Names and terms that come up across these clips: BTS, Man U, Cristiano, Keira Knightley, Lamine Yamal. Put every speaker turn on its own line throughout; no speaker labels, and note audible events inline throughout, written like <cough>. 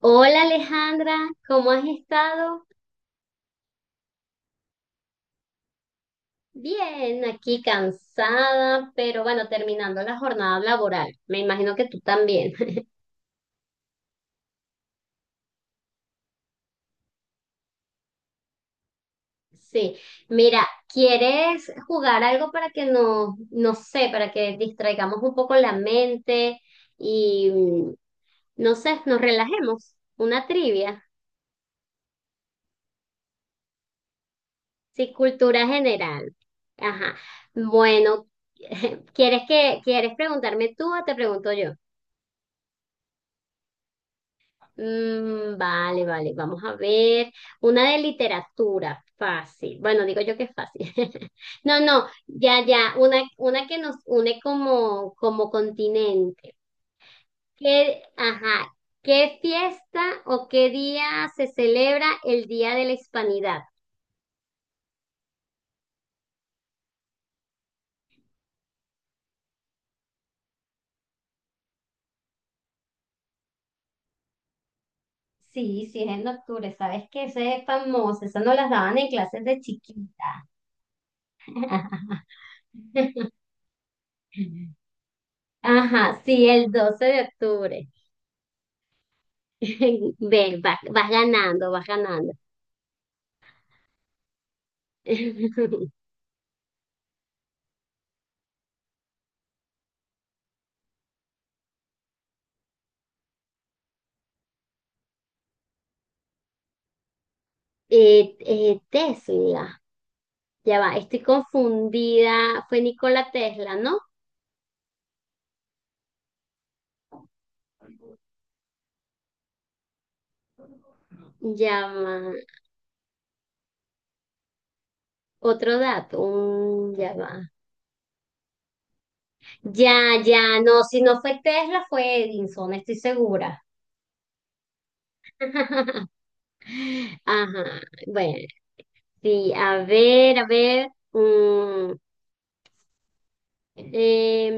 Hola Alejandra, ¿cómo has estado? Bien, aquí cansada, pero bueno, terminando la jornada laboral. Me imagino que tú también. <laughs> Sí, mira, ¿quieres jugar algo para que nos, no sé, para que distraigamos un poco la mente y, no sé, nos relajemos? Una trivia, sí, cultura general. Ajá. Bueno, <laughs> ¿quieres que, quieres preguntarme tú o te pregunto yo? Vale, vale, vamos a ver. Una de literatura, fácil. Bueno, digo yo que es fácil. <laughs> No, no, ya, ya, una que nos une como, como continente. ¿Qué, ajá, qué fiesta o qué día se celebra el Día de la Hispanidad? Sí, sí, es en octubre, sabes que ese es famoso, eso nos las daban en clases de chiquita. <laughs> Ajá, sí, el 12 de octubre. <laughs> Ves, vas, vas ganando, vas ganando. <laughs> Tesla, ya va, estoy confundida. Fue Nikola Tesla, ¿no? Ya va. Otro dato, ya va. Ya, ya, no, si no fue Tesla, fue Edison, estoy segura. <laughs> Ajá, bueno, sí, a ver, a ver. mm, em,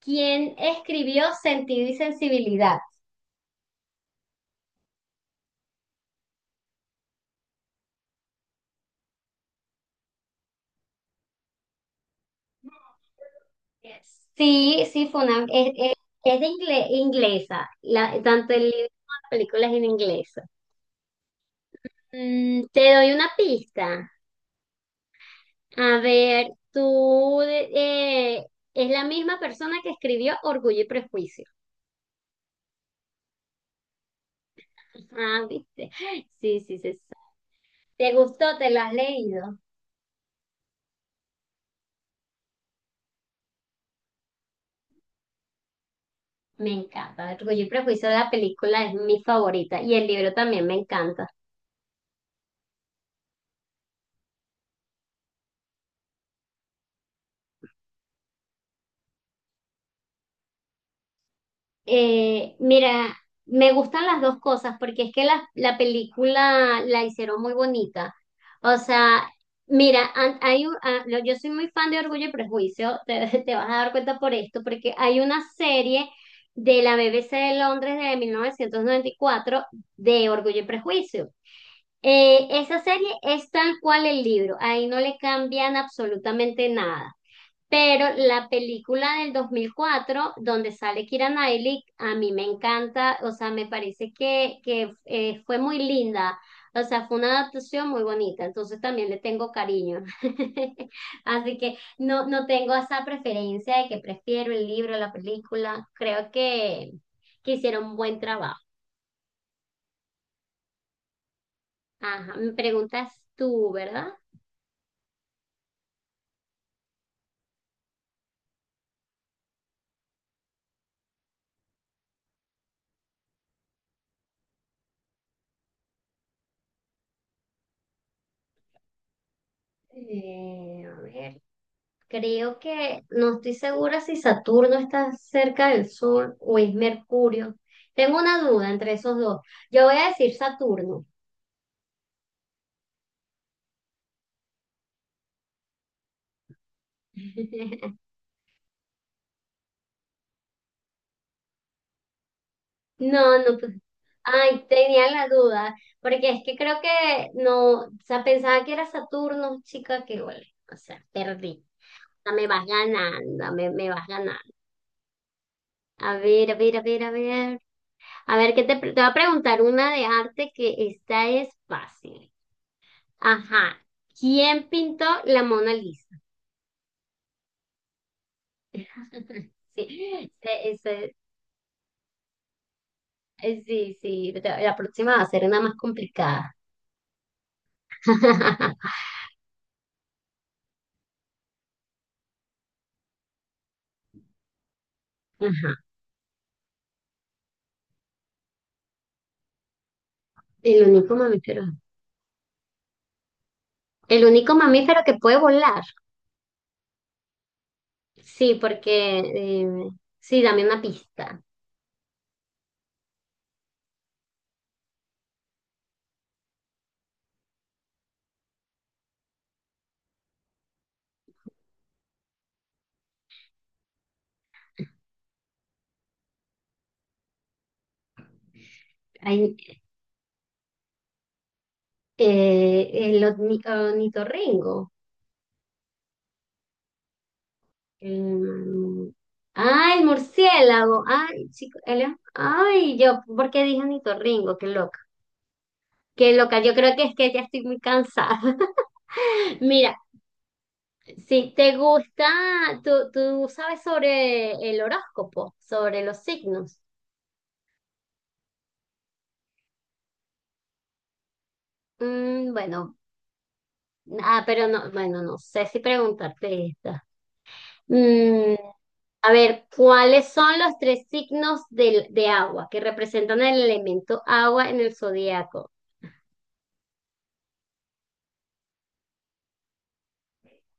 ¿Quién escribió Sentido y Sensibilidad? Sí, sí, fue una, es de inglesa, la, tanto el libro como la película es en inglés. Mm, te doy una pista. A ver, tú, es la misma persona que escribió Orgullo y Prejuicio. Ah, viste. Sí, sí, sí, sí. ¿Te gustó? ¿Te lo has leído? Me encanta. Orgullo y Prejuicio, la película es mi favorita y el libro también me encanta. Mira, me gustan las dos cosas porque es que la película la hicieron muy bonita. O sea, mira, an- hay un- ah, lo- yo soy muy fan de Orgullo y Prejuicio, <laughs> te vas a dar cuenta por esto, porque hay una serie de la BBC de Londres de 1994 de Orgullo y Prejuicio. Esa serie es tal cual el libro, ahí no le cambian absolutamente nada. Pero la película del 2004 donde sale Keira Knightley, a mí me encanta, o sea, me parece que, que fue muy linda, o sea, fue una adaptación muy bonita, entonces también le tengo cariño. <laughs> Así que no, no tengo esa preferencia de que prefiero el libro, la película, creo que hicieron un buen trabajo. Ajá, me preguntas tú, ¿verdad? A ver, creo que no estoy segura si Saturno está cerca del Sol o es Mercurio. Tengo una duda entre esos dos. Yo voy a decir Saturno. <laughs> No, no, pues, ay, tenía la duda, porque es que creo que no, o sea, pensaba que era Saturno, chica, que huele, o sea, perdí, o sea, me vas ganando, me vas ganando. A ver, a ver, a ver, a ver, a ver, que te, te voy a preguntar una de arte que esta es fácil. Ajá. ¿Quién pintó la Mona Lisa? <laughs> Sí, sí, sí, la la próxima va a ser una más complicada. <laughs> Ajá. El único mamífero. El único mamífero que puede volar. Sí, porque sí, dame una pista. Ay, ornitorrinco. Em, ay, murciélago. Ay, chico, yo, ¿por qué dije ornitorrinco? Qué loca. Qué loca, yo creo que es que ya estoy muy cansada. <laughs> Mira, si te gusta, tú sabes sobre el horóscopo, sobre los signos. Bueno, ah, pero no, bueno, no sé si preguntarte esta. Mm, a ver, ¿cuáles son los tres signos de agua que representan el elemento agua en el zodiaco?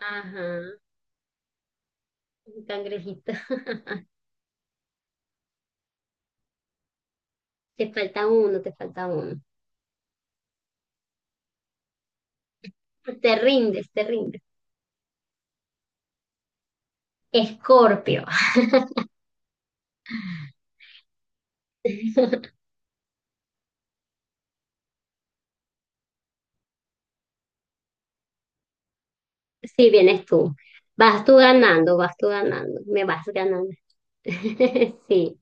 Ajá, un cangrejito. <laughs> Te falta uno, te falta uno. Te rindes, te rindes. Escorpio. Sí, vienes tú. Vas tú ganando, me vas ganando. <laughs> Sí.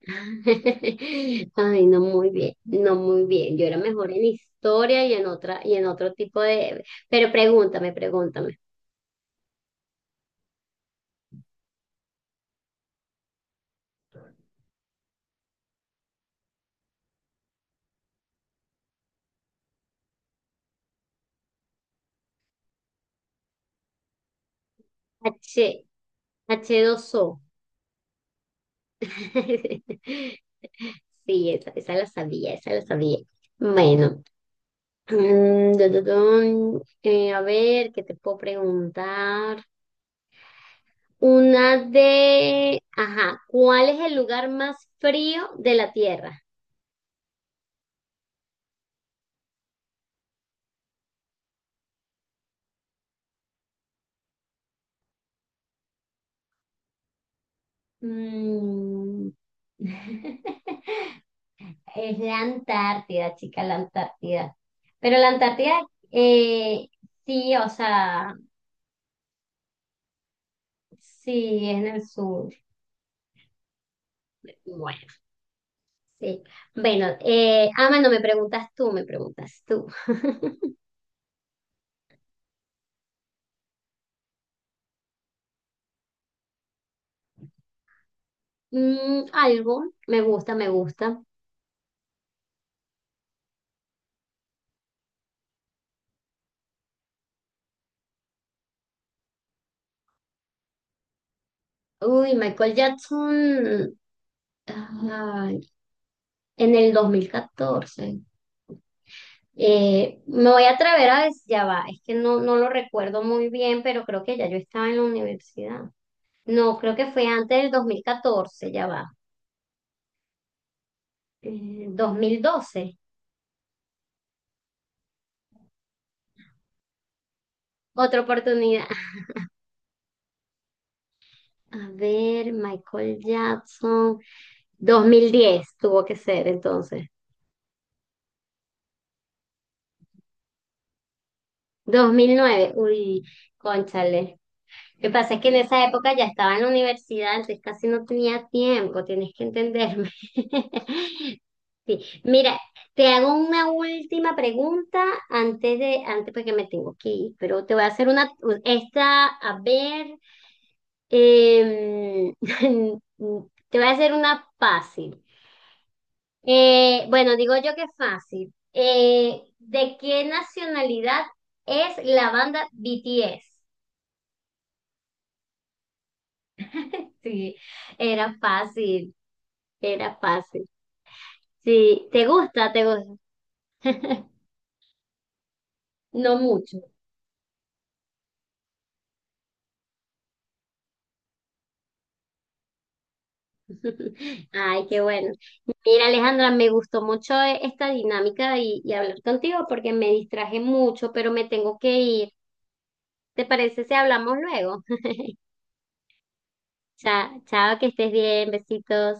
<laughs> Ay, no muy bien, no muy bien. Yo era mejor en historia y en otra y en otro tipo de. Pero pregúntame, pregúntame. H, h dos o. <laughs> Sí, esa la sabía, esa la sabía. Bueno, dun, dun, dun. A ver, ¿qué te puedo preguntar? Una de... Ajá, ¿cuál es el lugar más frío de la Tierra? Mm. <laughs> Es la Antártida, chica, la Antártida. Pero la Antártida, eh, sí, o sea, sí, es en el sur. Bueno, sí. Bueno, no me preguntas tú, me preguntas tú. Algo, me gusta, me gusta. Uy, Michael Jackson ay, en el 2014. Me voy a atrever a decir, ya va, es que no, no lo recuerdo muy bien, pero creo que ya yo estaba en la universidad. No, creo que fue antes del 2014 ya va. 2012, otra oportunidad. <laughs> A ver, Michael Jackson. 2010 tuvo que ser entonces. 2009, uy, cónchale. Lo que pasa es que en esa época ya estaba en la universidad, entonces casi no tenía tiempo, tienes que entenderme. <laughs> Sí. Mira, te hago una última pregunta antes de, antes porque me tengo que ir, pero te voy a hacer una, esta, a ver, em, <laughs> te voy a hacer una fácil. Bueno, digo yo que fácil. ¿De qué nacionalidad es la banda BTS? <laughs> Sí, era fácil. Era fácil. Sí, ¿te gusta? ¿Te gusta? <laughs> No mucho. <laughs> Ay, qué bueno. Mira, Alejandra, me gustó mucho esta dinámica y hablar contigo porque me distraje mucho, pero me tengo que ir. ¿Te parece si hablamos luego? <laughs> Chao, chao, que estés bien, besitos.